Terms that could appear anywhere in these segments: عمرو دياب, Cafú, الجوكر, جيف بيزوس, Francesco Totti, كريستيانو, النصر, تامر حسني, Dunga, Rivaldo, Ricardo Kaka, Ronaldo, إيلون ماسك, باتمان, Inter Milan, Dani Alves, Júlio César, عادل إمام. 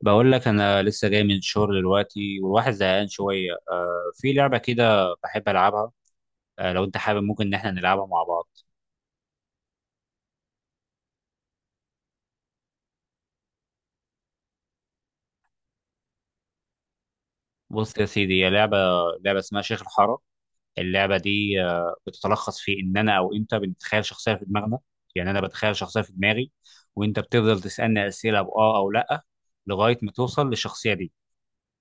بقول لك انا لسه جاي من الشغل دلوقتي والواحد زهقان شويه، في لعبه كده بحب العبها. لو انت حابب ممكن ان احنا نلعبها مع بعض. بص يا سيدي، هي لعبه اسمها شيخ الحاره. اللعبه دي بتتلخص في ان انا او انت بنتخيل شخصيه في دماغنا. يعني انا بتخيل شخصيه في دماغي، وانت بتفضل تسالني اسئله باه او لا لغايه ما توصل للشخصيه دي.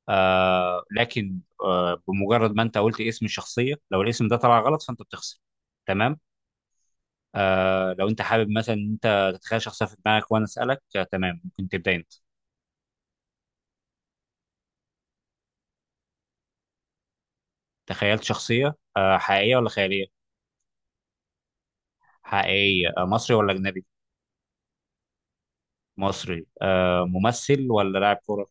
لكن بمجرد ما انت قلت اسم الشخصيه، لو الاسم ده طلع غلط فانت بتخسر. تمام. لو انت حابب مثلا إن انت تتخيل شخصيه في دماغك وانا اسالك، تمام، ممكن تبدا انت. تخيلت شخصيه، حقيقيه ولا خياليه؟ حقيقيه، مصري ولا اجنبي؟ مصري، ممثل ولا لاعب كوره؟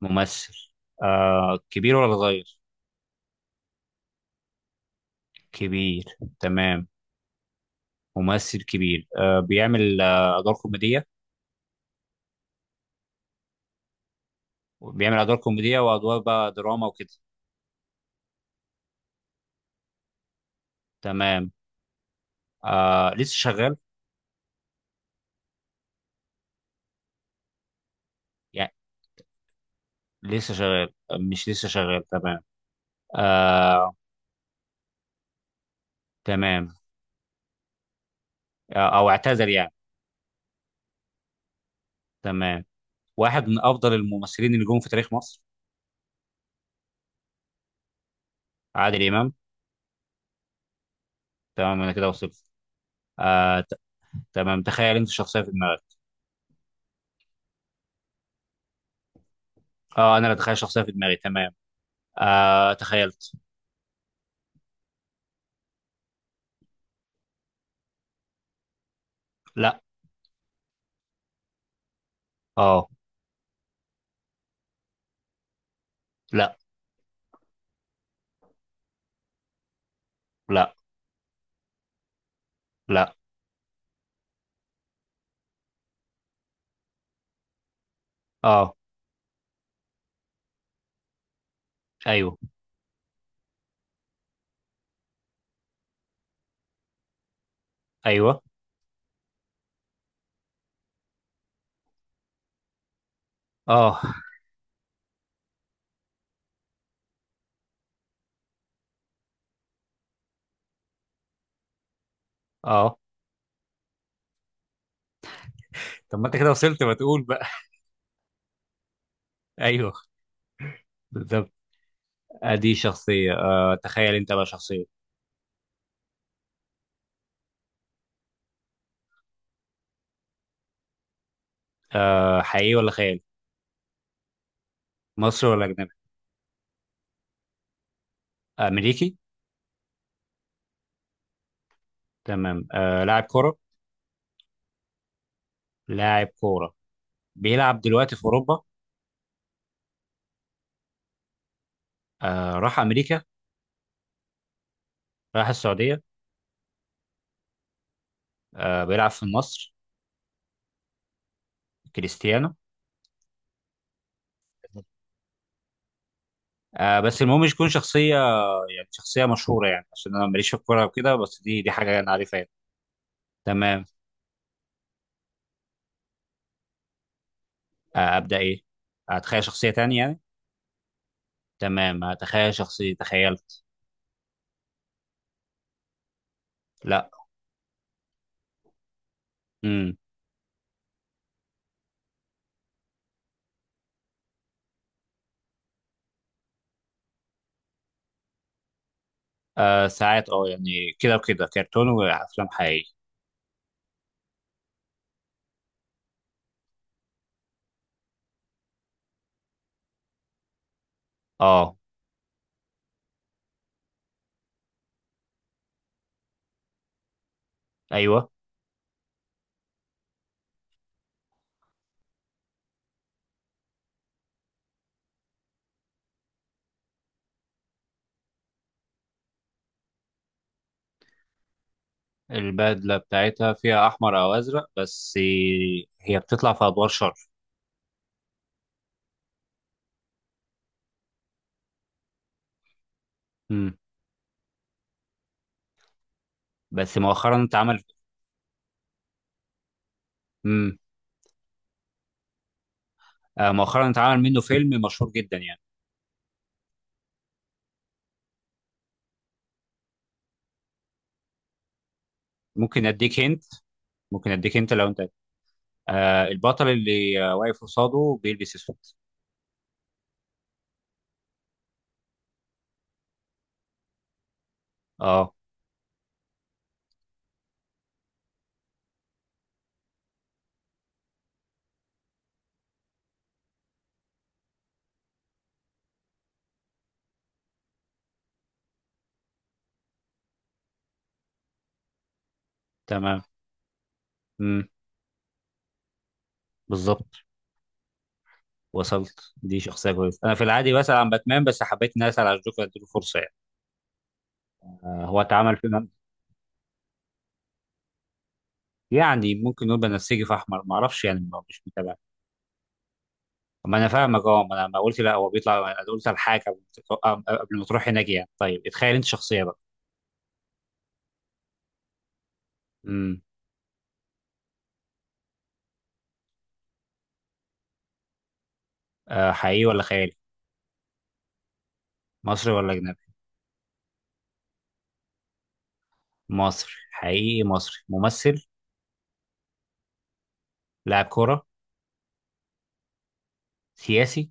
ممثل. كبير ولا صغير؟ كبير. تمام. ممثل كبير، بيعمل ادوار كوميديه. بيعمل ادوار كوميديه وادوار بقى دراما وكده. تمام. لسه شغال؟ يعني لسه شغال، مش لسه شغال؟ تمام. آه. تمام. او اعتذر يعني. تمام. واحد من افضل الممثلين اللي جم في تاريخ مصر. عادل امام. تمام، انا كده وصلت. آه ت... تمام، تخيل انت شخصيه في دماغك. اه، انا اللي اتخيل شخصيه في دماغي. تمام. تخيلت. لا. اه. لا، لا، لا. اه. ايوه. ايوه. اه. اه. طب ما انت كده وصلت، ما تقول بقى. ايوه. بالظبط. ادي شخصيه. تخيل انت بقى شخصيه. حقيقي ولا خيال؟ مصري ولا اجنبي؟ امريكي؟ تمام. لاعب كره. لاعب كوره. بيلعب دلوقتي في اوروبا؟ راح امريكا؟ راح السعوديه. بيلعب في النصر. كريستيانو. بس المهم مش يكون شخصيه، يعني شخصيه مشهوره يعني، عشان انا ماليش في الكوره وكده، بس دي حاجه انا عارفها يعني. تمام. ابدا ايه؟ اتخيل شخصيه تانية يعني. تمام، اتخيل شخصيه. تخيلت. لا. امم ساعات، يعني كده وكده، كرتون وافلام حقيقيه. اه. ايوه. البدله بتاعتها فيها احمر او ازرق بس. هي بتطلع في ادوار شر. امم بس مؤخرا اتعمل. مم. مؤخرا اتعمل منه فيلم مشهور جدا يعني. ممكن اديك هنت. ممكن اديك هنت لو انت. البطل اللي واقف قصاده بيلبس اسود. اه. تمام. امم. بالظبط، وصلت. دي شخصيه كويسه، انا في العادي بسال عن باتمان بس حبيت اني اسال على الجوكر، اديله فرصه يعني. هو اتعمل فيلم، يعني ممكن نقول بنفسجي في احمر، ما اعرفش يعني، مش متابع. ما انا فاهمك. اه ما انا ما قلت لا هو بيطلع، انا قلت الحاجه قبل ما تروح، قبل ما تروح هناك يعني. طيب اتخيل انت شخصيه بقى. امم حقيقي ولا خيالي؟ مصري ولا اجنبي؟ مصري حقيقي، مصري ممثل؟ لاعب كرة؟ سياسي؟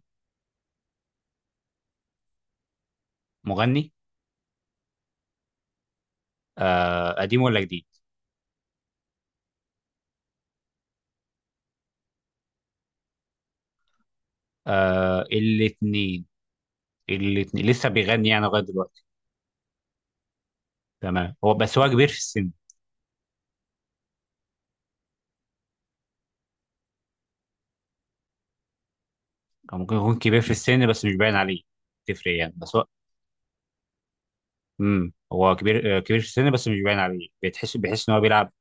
مغني؟ قديم ولا جديد؟ الاثنين؟ الاثنين لسه بيغني يعني لغاية دلوقتي؟ تمام. هو، بس هو كبير في السن. أو ممكن يكون كبير في السن بس مش باين عليه. تفرق يعني، بس هو، هو كبير في السن بس مش باين عليه. بتحس بيحس ان هو بيلعب،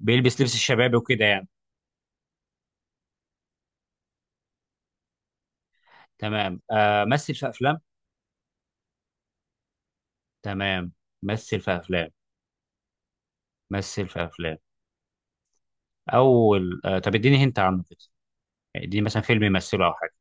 بيلبس لبس الشباب وكده يعني. تمام. مثل في افلام. تمام. مثل في افلام. مثل في افلام. اول آه طب اديني هنت عنه كده، يعني اديني مثلا فيلم يمثله او حاجة.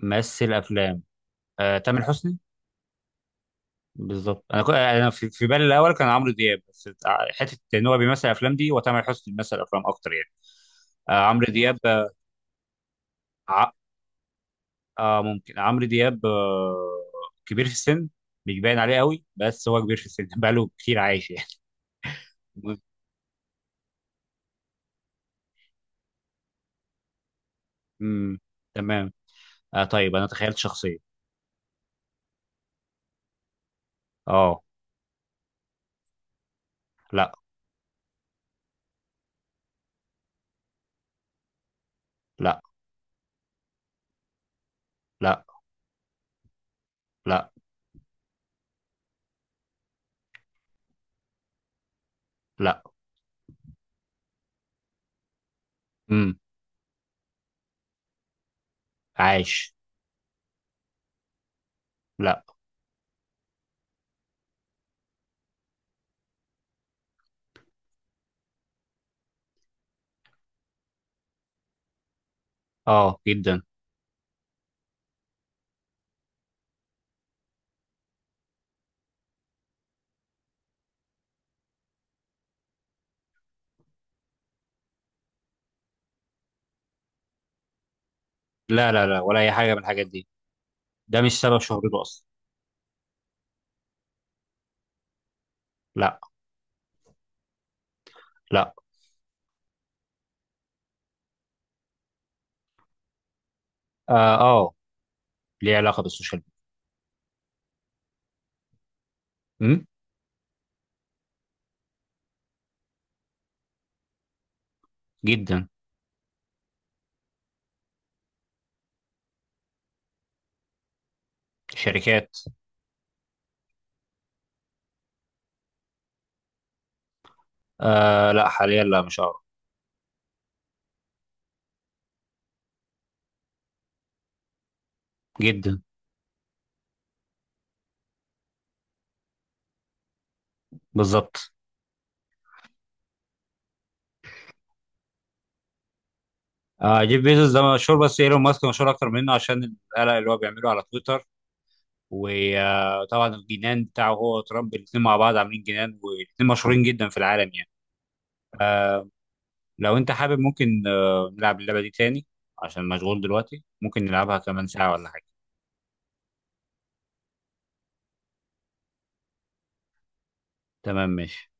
ممثل افلام. تامر حسني. بالظبط. انا في بالي الاول كان عمرو دياب، بس حته ان هو بيمثل افلام دي وتامر حسني بيمثل افلام اكتر يعني. عمرو دياب، ع... ممكن عمرو دياب، كبير في السن، مش باين عليه قوي بس هو كبير في السن. بقاله كتير عايش يعني. المهم. امم. تمام. طيب انا تخيلت شخصيه. اه. لا، لا، لا، لا، لا. امم. عايش. لا. اه، جدا. لا، لا، لا، ولا اي حاجه من الحاجات دي. ده مش سبب شهرته اصلا. لا. لا. اه. آه، ليه علاقة بالسوشيال ميديا. جدا. شركات. لا، حاليا لا، مش أعرف. جدا. بالظبط. جيف بيزوس ده مشهور بس ايلون ماسك مشهور اكتر منه عشان القلق اللي هو بيعمله على تويتر، وطبعا الجنان بتاعه هو وترامب، الاثنين مع بعض عاملين جنان، والاثنين مشهورين جدا في العالم يعني. لو انت حابب ممكن نلعب اللعبة دي تاني. عشان مشغول دلوقتي ممكن نلعبها كمان ساعة ولا حاجة. تمام ماشي.